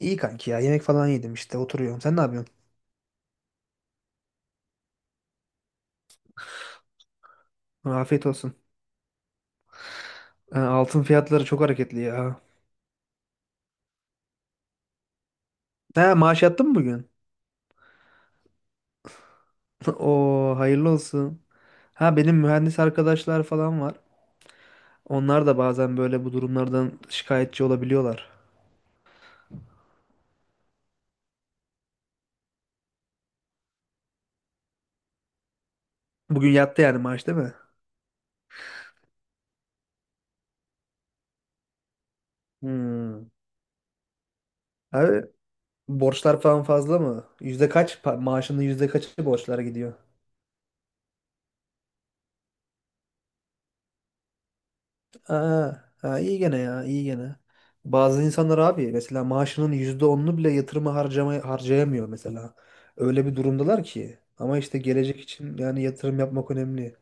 İyi kanki ya. Yemek falan yedim işte. Oturuyorum. Sen ne yapıyorsun? Afiyet olsun. Ha, altın fiyatları çok hareketli ya. Ha, maaş yattın mı bugün? Oo, hayırlı olsun. Ha, benim mühendis arkadaşlar falan var. Onlar da bazen böyle bu durumlardan şikayetçi olabiliyorlar. Bugün yattı yani maaş değil mi? Hmm. Abi, borçlar falan fazla mı? Yüzde kaç? Maaşının yüzde kaçı borçlara gidiyor? Aa, ha, iyi gene ya, iyi gene. Bazı insanlar abi, mesela maaşının %10'unu bile yatırıma harcayamıyor mesela. Öyle bir durumdalar ki. Ama işte gelecek için yani yatırım yapmak önemli.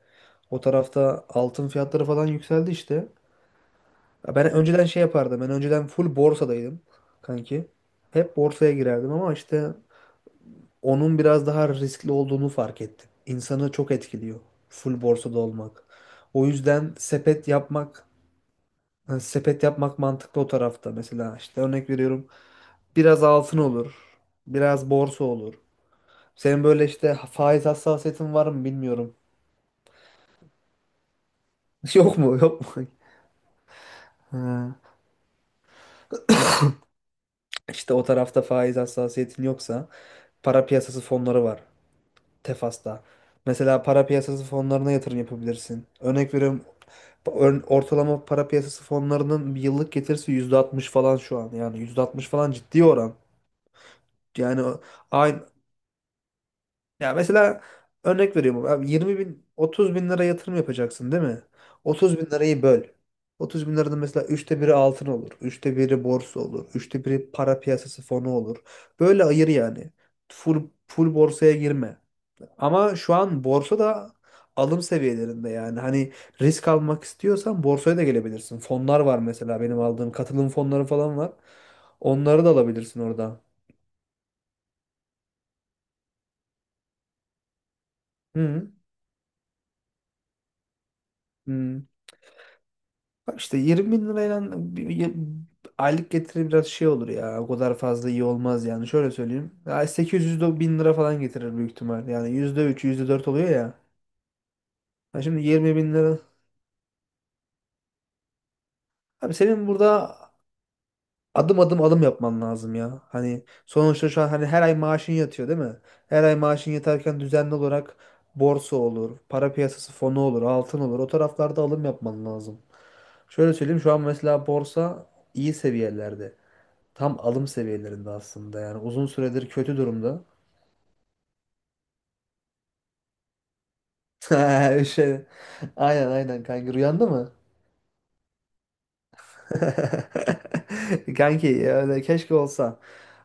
O tarafta altın fiyatları falan yükseldi işte. Ya, ben önceden şey yapardım. Ben önceden full borsadaydım kanki. Hep borsaya girerdim ama işte onun biraz daha riskli olduğunu fark ettim. İnsanı çok etkiliyor full borsada olmak. O yüzden sepet yapmak, yani sepet yapmak mantıklı o tarafta. Mesela işte örnek veriyorum, biraz altın olur, biraz borsa olur. Senin böyle işte faiz hassasiyetin var mı bilmiyorum. Yok mu, yok mu? Ha. İşte o tarafta faiz hassasiyetin yoksa para piyasası fonları var Tefas'ta. Mesela para piyasası fonlarına yatırım yapabilirsin. Örnek veriyorum, ortalama para piyasası fonlarının bir yıllık getirisi %60 falan şu an. Yani %60 falan ciddi oran. Yani aynı. Ya mesela örnek veriyorum abi, 20 bin 30 bin lira yatırım yapacaksın değil mi? 30 bin lirayı böl. 30 bin liranın mesela üçte biri altın olur, üçte biri borsa olur, üçte biri para piyasası fonu olur. Böyle ayır yani. Full borsaya girme. Ama şu an borsa da alım seviyelerinde yani. Hani risk almak istiyorsan borsaya da gelebilirsin. Fonlar var, mesela benim aldığım katılım fonları falan var. Onları da alabilirsin orada. Hı hı. Bak, işte 20 bin lirayla bir- bir- aylık getiri biraz şey olur ya. O kadar fazla iyi olmaz yani. Şöyle söyleyeyim, ya 800 de bin lira falan getirir büyük ihtimal. Yani %3 yüzde dört oluyor ya. Ha, şimdi 20 bin lira. Abi, senin burada adım adım adım yapman lazım ya. Hani sonuçta şu an hani her ay maaşın yatıyor değil mi? Her ay maaşın yatarken düzenli olarak borsa olur, para piyasası fonu olur, altın olur. O taraflarda alım yapman lazım. Şöyle söyleyeyim, şu an mesela borsa iyi seviyelerde. Tam alım seviyelerinde aslında yani. Uzun süredir kötü durumda. Şey, aynen aynen kanki. Rüyanda mı? Kanki, yani keşke olsa.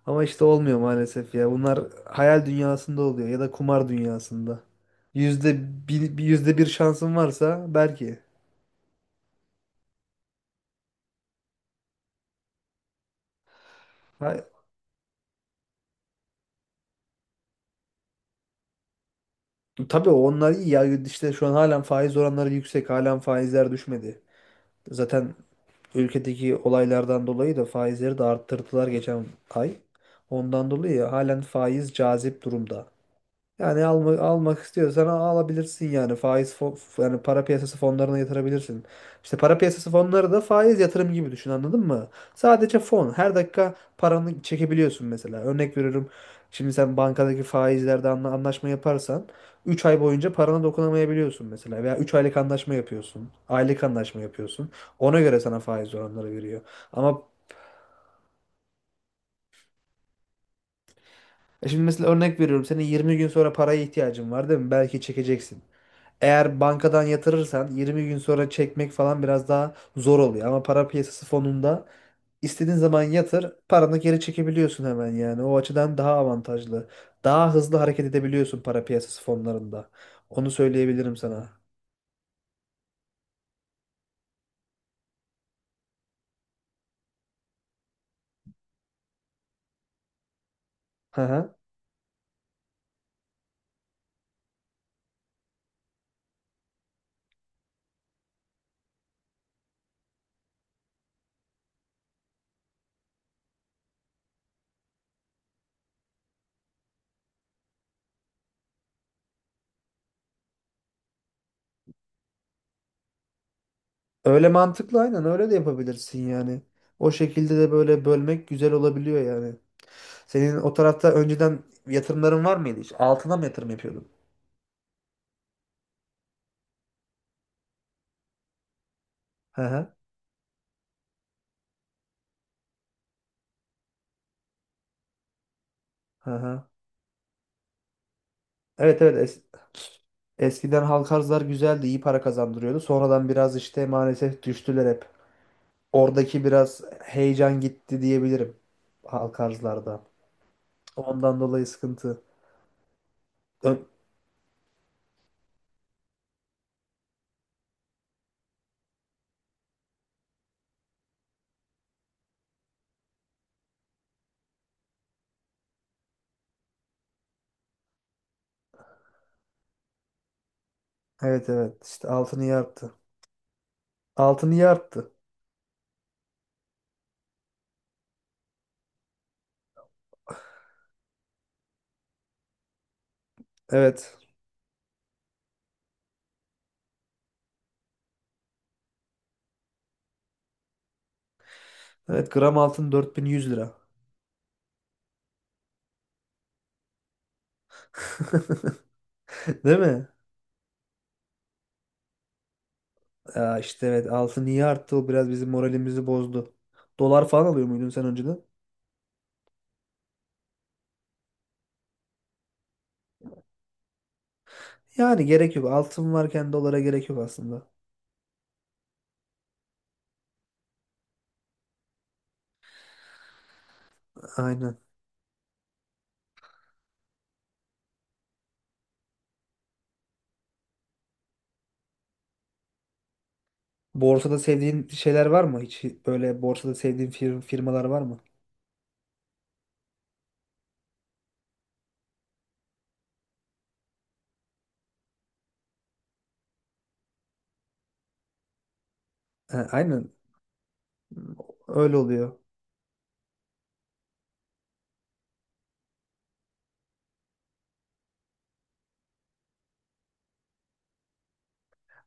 Ama işte olmuyor maalesef ya. Bunlar hayal dünyasında oluyor ya da kumar dünyasında. Yüzde yüzde bir şansın varsa belki. Ha, tabii onlar iyi ya. İşte şu an halen faiz oranları yüksek. Halen faizler düşmedi. Zaten ülkedeki olaylardan dolayı da faizleri de arttırdılar geçen ay. Ondan dolayı halen faiz cazip durumda. Yani almak istiyorsan alabilirsin yani faiz yani para piyasası fonlarına yatırabilirsin. İşte para piyasası fonları da faiz yatırım gibi düşün, anladın mı? Sadece fon. Her dakika paranı çekebiliyorsun mesela. Örnek veriyorum, şimdi sen bankadaki faizlerde anlaşma yaparsan 3 ay boyunca parana dokunamayabiliyorsun mesela, veya 3 aylık anlaşma yapıyorsun, aylık anlaşma yapıyorsun. Ona göre sana faiz oranları veriyor. Ama şimdi mesela örnek veriyorum, senin 20 gün sonra paraya ihtiyacın var değil mi? Belki çekeceksin. Eğer bankadan yatırırsan 20 gün sonra çekmek falan biraz daha zor oluyor. Ama para piyasası fonunda istediğin zaman yatır, paranı geri çekebiliyorsun hemen yani. O açıdan daha avantajlı. Daha hızlı hareket edebiliyorsun para piyasası fonlarında. Onu söyleyebilirim sana. Hı hı. Öyle mantıklı, aynen öyle de yapabilirsin yani. O şekilde de böyle bölmek güzel olabiliyor yani. Senin o tarafta önceden yatırımların var mıydı hiç? Altına mı yatırım yapıyordun? Hı hı. Hı hı. Evet evet, eskiden halk arzlar güzeldi, iyi para kazandırıyordu. Sonradan biraz işte maalesef düştüler hep. Oradaki biraz heyecan gitti diyebilirim halk arzlarda. Ondan dolayı sıkıntı. Ö- Evet evet, işte altın iyi arttı. Altın iyi arttı. Evet. Evet, gram altın 4.100 lira. Değil mi? Ya işte evet, altın iyi arttı, o biraz bizim moralimizi bozdu. Dolar falan alıyor muydun sen önceden? Yani gerek yok. Altın varken dolara gerek yok aslında. Aynen. Borsada sevdiğin şeyler var mı? Hiç böyle borsada sevdiğin firmalar var mı? Ha, aynen. Öyle oluyor.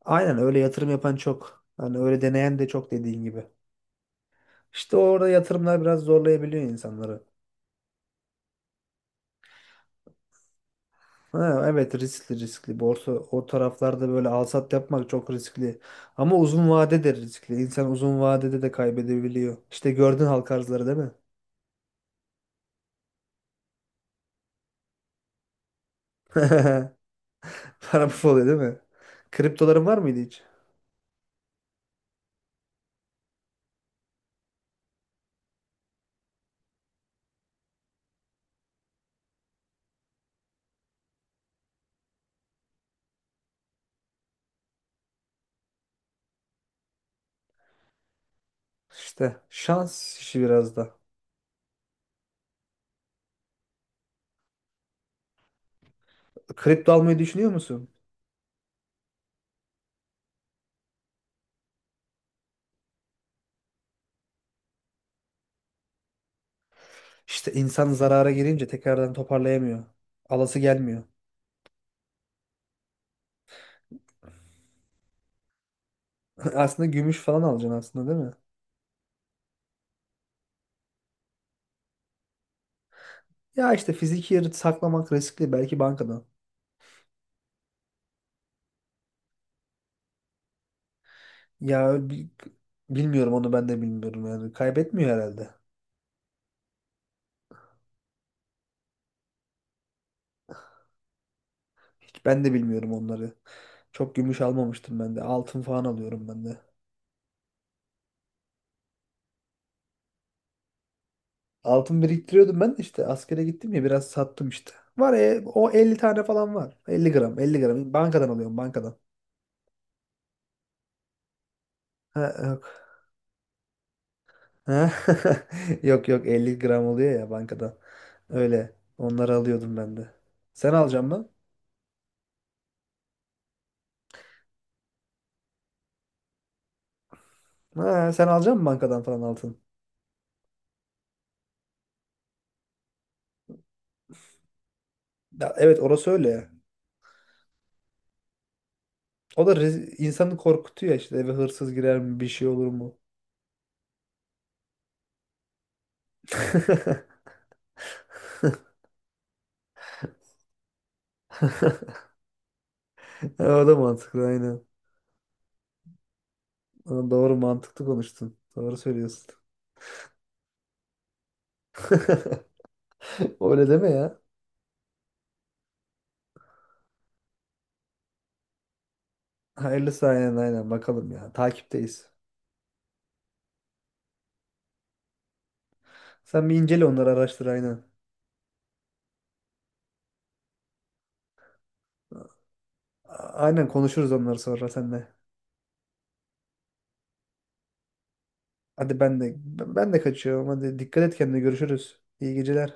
Aynen, öyle yatırım yapan çok. Hani öyle deneyen de çok dediğin gibi. İşte orada yatırımlar biraz zorlayabiliyor insanları. Ha, evet, riskli riskli. Borsa o taraflarda böyle al sat yapmak çok riskli. Ama uzun vadede riskli. İnsan uzun vadede de kaybedebiliyor. İşte gördün halk arzları, değil mi? Para bu oluyor değil mi? Kriptoların var mıydı hiç? İşte şans işi biraz da. Kripto almayı düşünüyor musun? İşte insan zarara girince tekrardan toparlayamıyor. Alası gelmiyor. Aslında gümüş falan alacaksın aslında, değil mi? Ya işte fiziki yeri saklamak riskli, belki bankadan. Ya bilmiyorum, onu ben de bilmiyorum yani. Kaybetmiyor herhalde. Hiç ben de bilmiyorum onları. Çok gümüş almamıştım ben de. Altın falan alıyorum ben de. Altın biriktiriyordum ben de, işte askere gittim ya, biraz sattım işte. Var ya, o 50 tane falan var. 50 gram 50 gram bankadan alıyorum, bankadan. Ha. Ha? Yok yok, 50 gram oluyor ya bankada. Öyle. Onları alıyordum ben de. Sen alacaksın mı? Ha, sen alacak mısın bankadan falan altın? Ya, evet, orası öyle ya. O da insanı korkutuyor işte, eve hırsız girer mi, bir şey olur mu? O da mantıklı, aynen. Ama doğru, mantıklı konuştun. Doğru söylüyorsun. Öyle deme ya. Hayırlısı, aynen aynen bakalım ya. Takipteyiz. Sen bir incele onları, araştır aynen. Aynen, konuşuruz onları sonra seninle. Hadi ben de kaçıyorum. Hadi dikkat et kendine. Görüşürüz. İyi geceler.